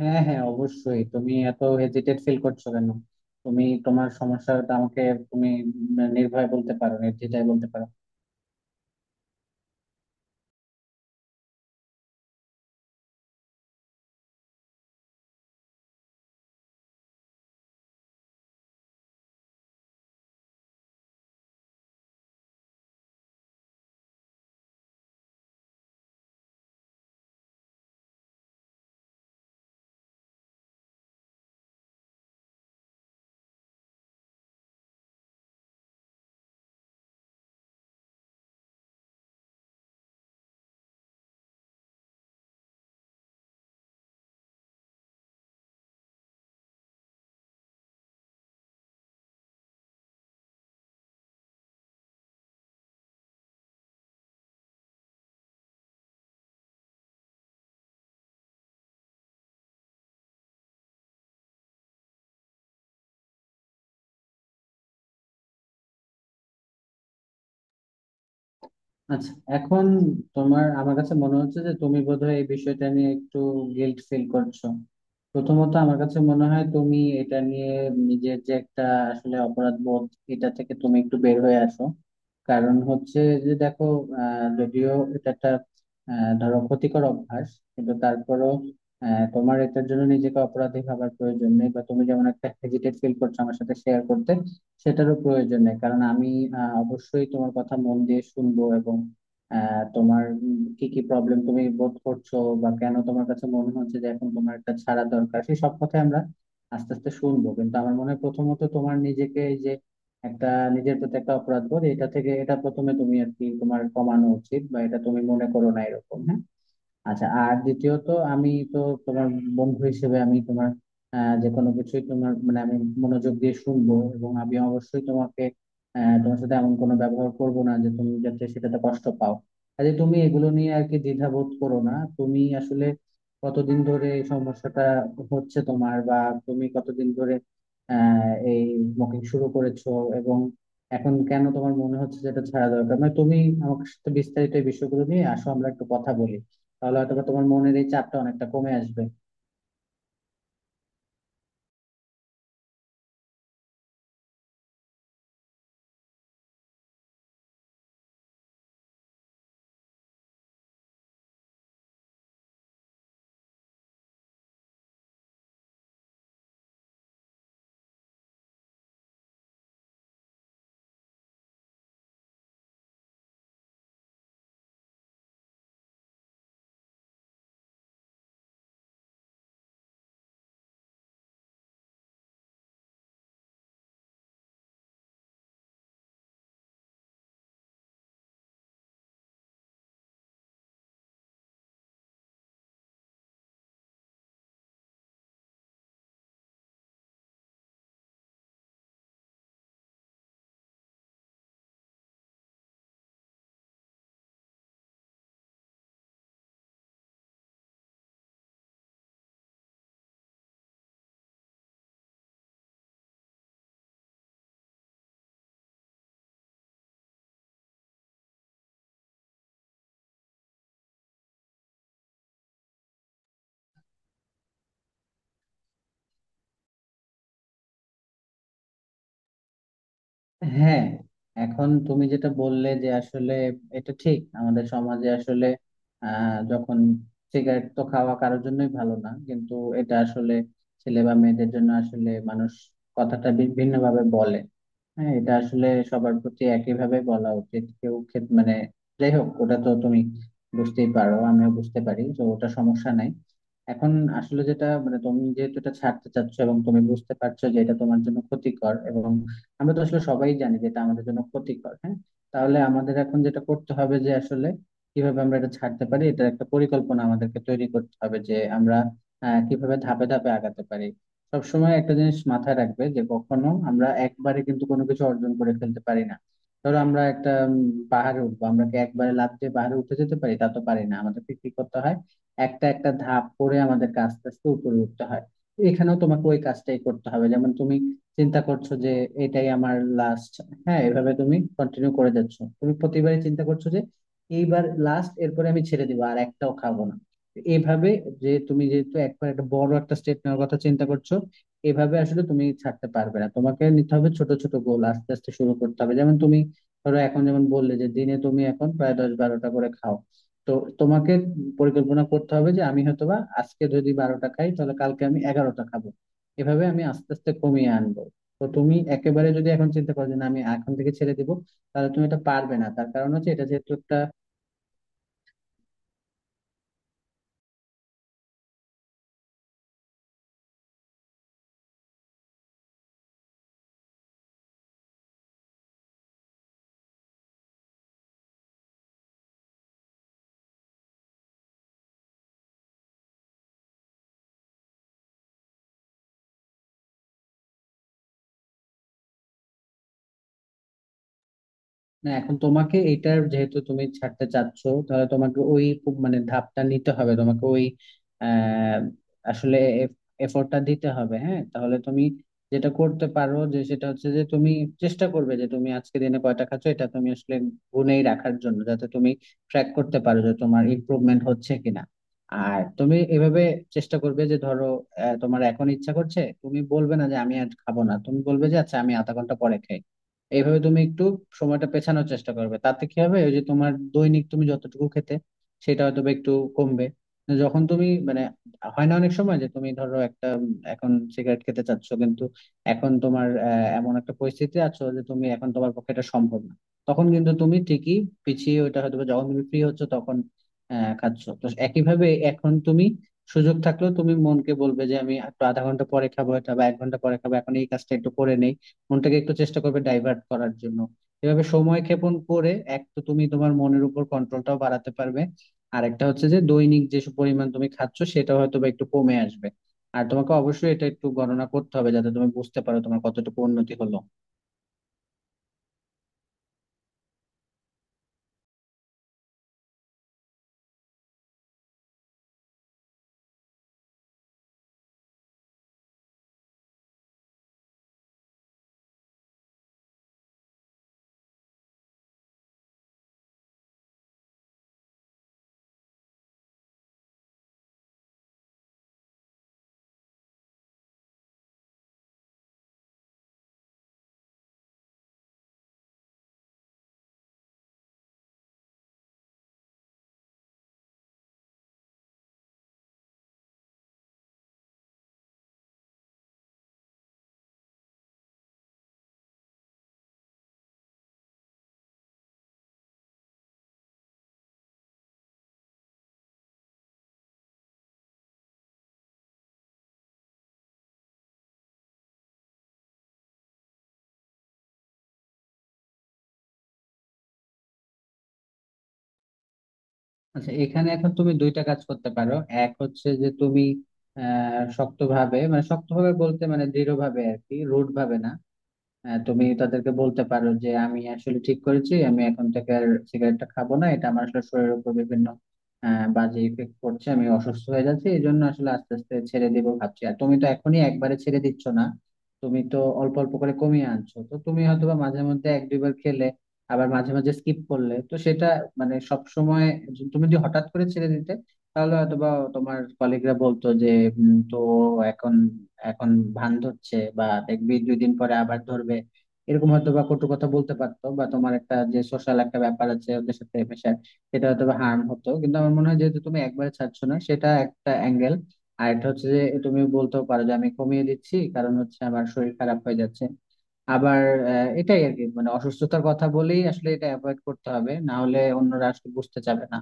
হ্যাঁ, হ্যাঁ, অবশ্যই। তুমি এত হেজিটেট ফিল করছো কেন? তুমি তোমার সমস্যাটা আমাকে, তুমি নির্ভয়ে বলতে পারো, নির্দ্বিধায় বলতে পারো। আচ্ছা, এখন তোমার, আমার কাছে মনে হচ্ছে যে তুমি বোধহয় এই বিষয়টা নিয়ে একটু গিল্ট ফিল করছো। প্রথমত আমার কাছে মনে হয় তুমি এটা নিয়ে নিজের যে একটা আসলে অপরাধ বোধ, এটা থেকে তুমি একটু বের হয়ে আসো। কারণ হচ্ছে যে দেখো, যদিও এটা একটা ধরো ক্ষতিকর অভ্যাস, কিন্তু তারপরও তোমার এটার জন্য নিজেকে অপরাধী ভাবার প্রয়োজন নেই, বা তুমি যেমন একটা হেজিটেট ফিল করছো আমার সাথে শেয়ার করতে, সেটারও প্রয়োজন নেই। কারণ আমি অবশ্যই তোমার কথা মন দিয়ে শুনবো, এবং তোমার কি কি প্রবলেম তুমি বোধ করছো, বা কেন তোমার কাছে মনে হচ্ছে যে এখন তোমার একটা ছাড়া দরকার, সেই সব কথাই আমরা আস্তে আস্তে শুনবো। কিন্তু আমার মনে হয় প্রথমত তোমার নিজেকে এই যে একটা, নিজের প্রতি একটা অপরাধ বোধ, এটা থেকে এটা প্রথমে তুমি আর কি তোমার কমানো উচিত, বা এটা তুমি মনে করো না এরকম, হ্যাঁ। আচ্ছা, আর দ্বিতীয়ত, আমি তো তোমার বন্ধু হিসেবে আমি তোমার যে কোনো কিছুই তোমার, মানে আমি মনোযোগ দিয়ে শুনবো এবং আমি অবশ্যই তোমাকে তোমার সাথে এমন কোনো ব্যবহার করব না যে তুমি যাতে সেটাতে কষ্ট পাও। কাজে তুমি এগুলো নিয়ে আর কি দ্বিধাবোধ করো না। তুমি আসলে কতদিন ধরে এই সমস্যাটা হচ্ছে তোমার, বা তুমি কতদিন ধরে এই স্মোকিং শুরু করেছো, এবং এখন কেন তোমার মনে হচ্ছে যে এটা ছাড়া দরকার, মানে তুমি আমার সাথে বিস্তারিত এই বিষয়গুলো নিয়ে আসো, আমরা একটু কথা বলি। তাহলে হয়তো বা তোমার মনের এই চাপটা অনেকটা কমে আসবে। হ্যাঁ, এখন তুমি যেটা বললে যে আসলে এটা ঠিক আমাদের সমাজে আসলে যখন সিগারেট তো খাওয়া কারোর জন্যই ভালো না, কিন্তু এটা আসলে ছেলে বা মেয়েদের জন্য আসলে মানুষ কথাটা ভিন্ন ভাবে বলে। হ্যাঁ, এটা আসলে সবার প্রতি একইভাবে বলা উচিত, কেউ ক্ষেত মানে, যাই হোক, ওটা তো তুমি বুঝতেই পারো, আমিও বুঝতে পারি, তো ওটা সমস্যা নাই। এখন আসলে যেটা, মানে তুমি যেহেতু এটা ছাড়তে চাচ্ছ এবং তুমি বুঝতে পারছো যে এটা তোমার জন্য ক্ষতিকর, এবং আমরা তো আসলে সবাই জানি যে এটা আমাদের জন্য ক্ষতিকর, হ্যাঁ। তাহলে আমাদের এখন যেটা করতে হবে যে আসলে কিভাবে আমরা এটা ছাড়তে পারি, এটার একটা পরিকল্পনা আমাদেরকে তৈরি করতে হবে যে আমরা কিভাবে ধাপে ধাপে আগাতে পারি। সবসময় একটা জিনিস মাথায় রাখবে যে কখনো আমরা একবারে কিন্তু কোনো কিছু অর্জন করে ফেলতে পারি না। ধরো আমরা একটা পাহাড়ে উঠবো, আমরা কি একবারে লাফ দিয়ে পাহাড়ে উঠে যেতে পারি? তা তো পারি না। আমাদেরকে কি করতে হয়? একটা একটা ধাপ করে আমাদেরকে আস্তে আস্তে উপরে উঠতে হয়। এখানেও তোমাকে ওই কাজটাই করতে হবে। যেমন তুমি চিন্তা করছো যে এটাই আমার লাস্ট, হ্যাঁ, এভাবে তুমি কন্টিনিউ করে যাচ্ছ, তুমি প্রতিবারই চিন্তা করছো যে এইবার লাস্ট, এরপরে আমি ছেড়ে দিবো, আর একটাও খাবো না। এভাবে, যে তুমি যেহেতু একবার একটা বড় একটা স্টেপ নেওয়ার কথা চিন্তা করছো, এভাবে আসলে তুমি ছাড়তে পারবে না। তোমাকে নিতে হবে ছোট ছোট গোল, আস্তে আস্তে শুরু করতে হবে। যেমন তুমি ধরো এখন যেমন বললে যে দিনে তুমি এখন প্রায় 10-12টা করে খাও, তো তোমাকে পরিকল্পনা করতে হবে যে আমি হয়তোবা আজকে যদি 12টা খাই তাহলে কালকে আমি 11টা খাবো। এভাবে আমি আস্তে আস্তে কমিয়ে আনবো। তো তুমি একেবারে যদি এখন চিন্তা করো যে না আমি এখন থেকে ছেড়ে দিব, তাহলে তুমি এটা পারবে না, তার কারণ হচ্ছে এটা যেহেতু একটা, না এখন তোমাকে এটার, যেহেতু তুমি ছাড়তে চাচ্ছ, তাহলে তোমাকে ওই খুব মানে ধাপটা নিতে হবে, তোমাকে ওই আহ, আসলে এফোর্টটা দিতে হবে। হ্যাঁ, তাহলে তুমি যেটা করতে পারো যে সেটা হচ্ছে যে তুমি চেষ্টা করবে যে তুমি আজকে দিনে কয়টা খাচ্ছ, এটা তুমি আসলে গুনেই রাখার জন্য, যাতে তুমি ট্র্যাক করতে পারো যে তোমার ইমপ্রুভমেন্ট হচ্ছে কিনা। আর তুমি এভাবে চেষ্টা করবে যে ধরো তোমার এখন ইচ্ছা করছে, তুমি বলবে না যে আমি আর খাবো না, তুমি বলবে যে আচ্ছা আমি আধা ঘন্টা পরে খাই। এইভাবে তুমি একটু সময়টা পেছানোর চেষ্টা করবে, তাতে কি হবে, ওই যে তোমার দৈনিক তুমি যতটুকু খেতে সেটা হয়তো বা একটু কমবে। যখন তুমি মানে, হয় না অনেক সময় যে তুমি ধরো একটা এখন সিগারেট খেতে চাচ্ছ, কিন্তু এখন তোমার এমন একটা পরিস্থিতি আছো যে তুমি এখন তোমার পক্ষে এটা সম্ভব না, তখন কিন্তু তুমি ঠিকই পিছিয়ে ওটা হয়তো বা যখন তুমি ফ্রি হচ্ছ তখন খাচ্ছো। তো একইভাবে এখন তুমি সুযোগ থাকলেও তুমি মনকে বলবে যে আমি একটু আধা ঘন্টা পরে খাবো এটা, বা 1 ঘন্টা পরে খাবো, এখন এই কাজটা একটু করে নেই। মনটাকে একটু চেষ্টা করবে ডাইভার্ট করার জন্য। এভাবে সময় ক্ষেপণ করে এক তো তুমি তোমার মনের উপর কন্ট্রোলটাও বাড়াতে পারবে, আর একটা হচ্ছে যে দৈনিক যে পরিমাণ তুমি খাচ্ছ সেটা হয়তো বা একটু কমে আসবে। আর তোমাকে অবশ্যই এটা একটু গণনা করতে হবে, যাতে তুমি বুঝতে পারো তোমার কতটুকু উন্নতি হলো। আচ্ছা, এখানে এখন তুমি দুইটা কাজ করতে পারো। এক হচ্ছে যে তুমি শক্তভাবে, মানে শক্তভাবে বলতে মানে দৃঢ়ভাবে আর কি, রুড ভাবে না। হ্যাঁ, তুমি তাদেরকে বলতে পারো যে আমি আসলে ঠিক করেছি আমি এখন থেকে আর সিগারেটটা খাবো না, এটা আমার আসলে শরীরের উপর বিভিন্ন বাজে ইফেক্ট পড়ছে, আমি অসুস্থ হয়ে যাচ্ছি, এই জন্য আসলে আস্তে আস্তে ছেড়ে দেবো ভাবছি। আর তুমি তো এখনই একবারে ছেড়ে দিচ্ছ না, তুমি তো অল্প অল্প করে কমিয়ে আনছো, তো তুমি হয়তোবা মাঝে মধ্যে এক দুইবার খেলে আবার মাঝে মাঝে স্কিপ করলে, তো সেটা মানে সব সময়, তুমি যদি হঠাৎ করে ছেড়ে দিতে তাহলে অথবা তোমার কলিগরা বলতো যে তো এখন এখন ভান ধরছে, বা দেখবি 2 দিন পরে আবার ধরবে, এরকম হয়তো বা কটু কথা বলতে পারতো, বা তোমার একটা যে সোশ্যাল একটা ব্যাপার আছে ওদের সাথে মেশার, সেটা হয়তো হার্ম হতো। কিন্তু আমার মনে হয় যেহেতু তুমি একবারে ছাড়ছো না, সেটা একটা অ্যাঙ্গেল। আর এটা হচ্ছে যে তুমি বলতেও পারো যে আমি কমিয়ে দিচ্ছি, কারণ হচ্ছে আমার শরীর খারাপ হয়ে যাচ্ছে। আবার এটাই আর কি, মানে অসুস্থতার কথা বলেই আসলে এটা অ্যাভয়েড করতে হবে, না হলে অন্যরা আসলে বুঝতে চাবে না।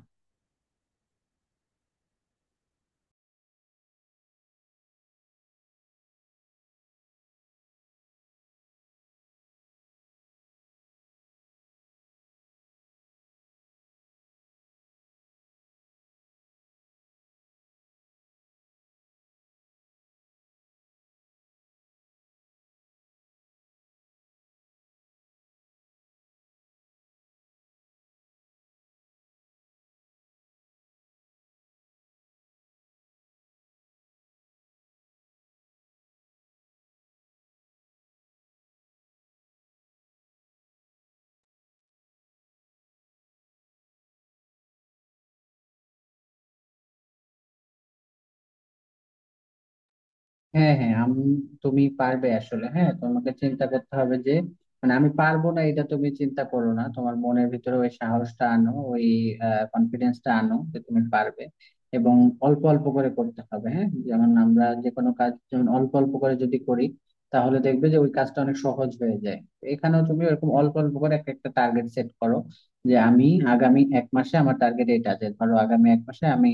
হ্যাঁ, হ্যাঁ, আমি, তুমি পারবে আসলে। হ্যাঁ, তোমাকে চিন্তা করতে হবে যে মানে আমি পারবো না এটা তুমি চিন্তা করো না, তোমার মনের ভিতরে ওই সাহসটা আনো, ওই কনফিডেন্সটা আনো যে তুমি পারবে। এবং অল্প অল্প করে করতে হবে, হ্যাঁ, যেমন আমরা যে কোনো কাজ যেমন অল্প অল্প করে যদি করি তাহলে দেখবে যে ওই কাজটা অনেক সহজ হয়ে যায়। এখানেও তুমি এরকম অল্প অল্প করে একটা একটা টার্গেট সেট করো, যে আমি আগামী 1 মাসে আমার টার্গেট এটা, যে ধরো আগামী 1 মাসে আমি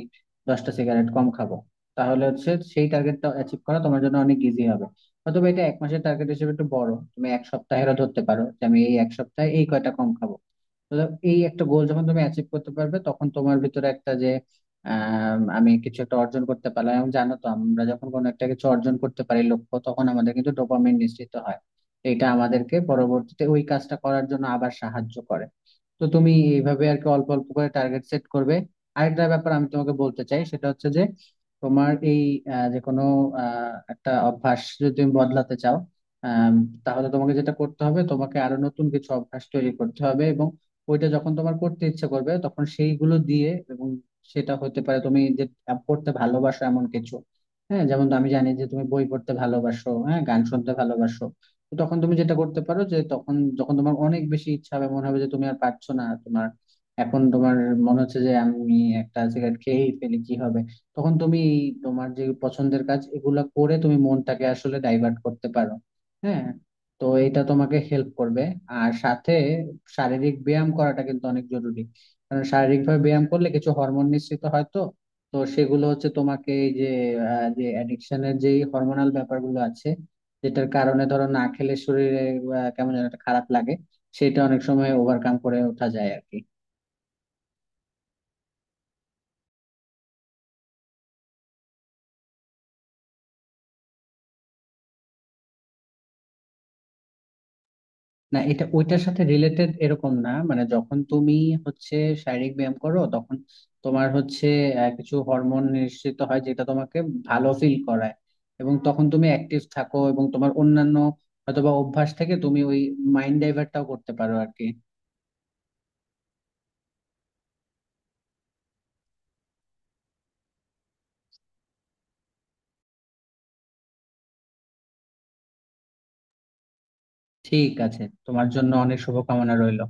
10টা সিগারেট কম খাবো, তাহলে হচ্ছে সেই টার্গেটটা অ্যাচিভ করা তোমার জন্য অনেক ইজি হবে। অথবা এটা 1 মাসের টার্গেট হিসেবে একটু বড়, তুমি এক সপ্তাহেরও ধরতে পারো যে আমি এই 1 সপ্তাহে এই কয়টা কম খাবো। তো এই একটা গোল যখন তুমি অ্যাচিভ করতে পারবে, তখন তোমার ভিতরে একটা যে আমি কিছু একটা অর্জন করতে পারলাম, এবং জানো তো আমরা যখন কোনো একটা কিছু অর্জন করতে পারি লক্ষ্য, তখন আমাদের কিন্তু ডোপামিন নিঃসৃত হয়। তো এটা আমাদেরকে পরবর্তীতে ওই কাজটা করার জন্য আবার সাহায্য করে। তো তুমি এইভাবে আর কি অল্প অল্প করে টার্গেট সেট করবে। আরেকটা ব্যাপার আমি তোমাকে বলতে চাই, সেটা হচ্ছে যে তোমার এই যে কোনো একটা অভ্যাস যদি তুমি বদলাতে চাও, আম, তাহলে তোমাকে যেটা করতে হবে তোমাকে আরো নতুন কিছু অভ্যাস তৈরি করতে হবে, এবং ওইটা যখন তোমার করতে ইচ্ছে করবে তখন সেইগুলো দিয়ে, এবং সেটা হতে পারে তুমি যে পড়তে ভালোবাসো এমন কিছু। হ্যাঁ, যেমন আমি জানি যে তুমি বই পড়তে ভালোবাসো, হ্যাঁ, গান শুনতে ভালোবাসো। তো তখন তুমি যেটা করতে পারো যে তখন যখন তোমার অনেক বেশি ইচ্ছা হবে, মনে হবে যে তুমি আর পারছো না, তোমার এখন তোমার মনে হচ্ছে যে আমি একটা সিগারেট খেয়েই ফেলি কি হবে, তখন তুমি এই তোমার যে পছন্দের কাজ এগুলা করে তুমি মনটাকে আসলে ডাইভার্ট করতে পারো। হ্যাঁ, তো এটা তোমাকে হেল্প করবে। আর সাথে শারীরিক ব্যায়াম করাটা কিন্তু অনেক জরুরি, কারণ শারীরিক ভাবে ব্যায়াম করলে কিছু হরমোন নিঃসৃত হয়। তো তো সেগুলো হচ্ছে তোমাকে এই যে যে অ্যাডিকশনের যে হরমোনাল ব্যাপারগুলো আছে, যেটার কারণে ধরো না খেলে শরীরে কেমন যেন একটা খারাপ লাগে, সেটা অনেক সময় ওভারকাম করে ওঠা যায় আর কি। না, এটা ওইটার সাথে রিলেটেড এরকম না, মানে যখন তুমি হচ্ছে শারীরিক ব্যায়াম করো তখন তোমার হচ্ছে কিছু হরমোন নিঃসৃত হয় যেটা তোমাকে ভালো ফিল করায়, এবং তখন তুমি অ্যাক্টিভ থাকো এবং তোমার অন্যান্য অথবা অভ্যাস থেকে তুমি ওই মাইন্ড ডাইভার্টটাও করতে পারো আর কি। ঠিক আছে, তোমার জন্য অনেক শুভকামনা রইল।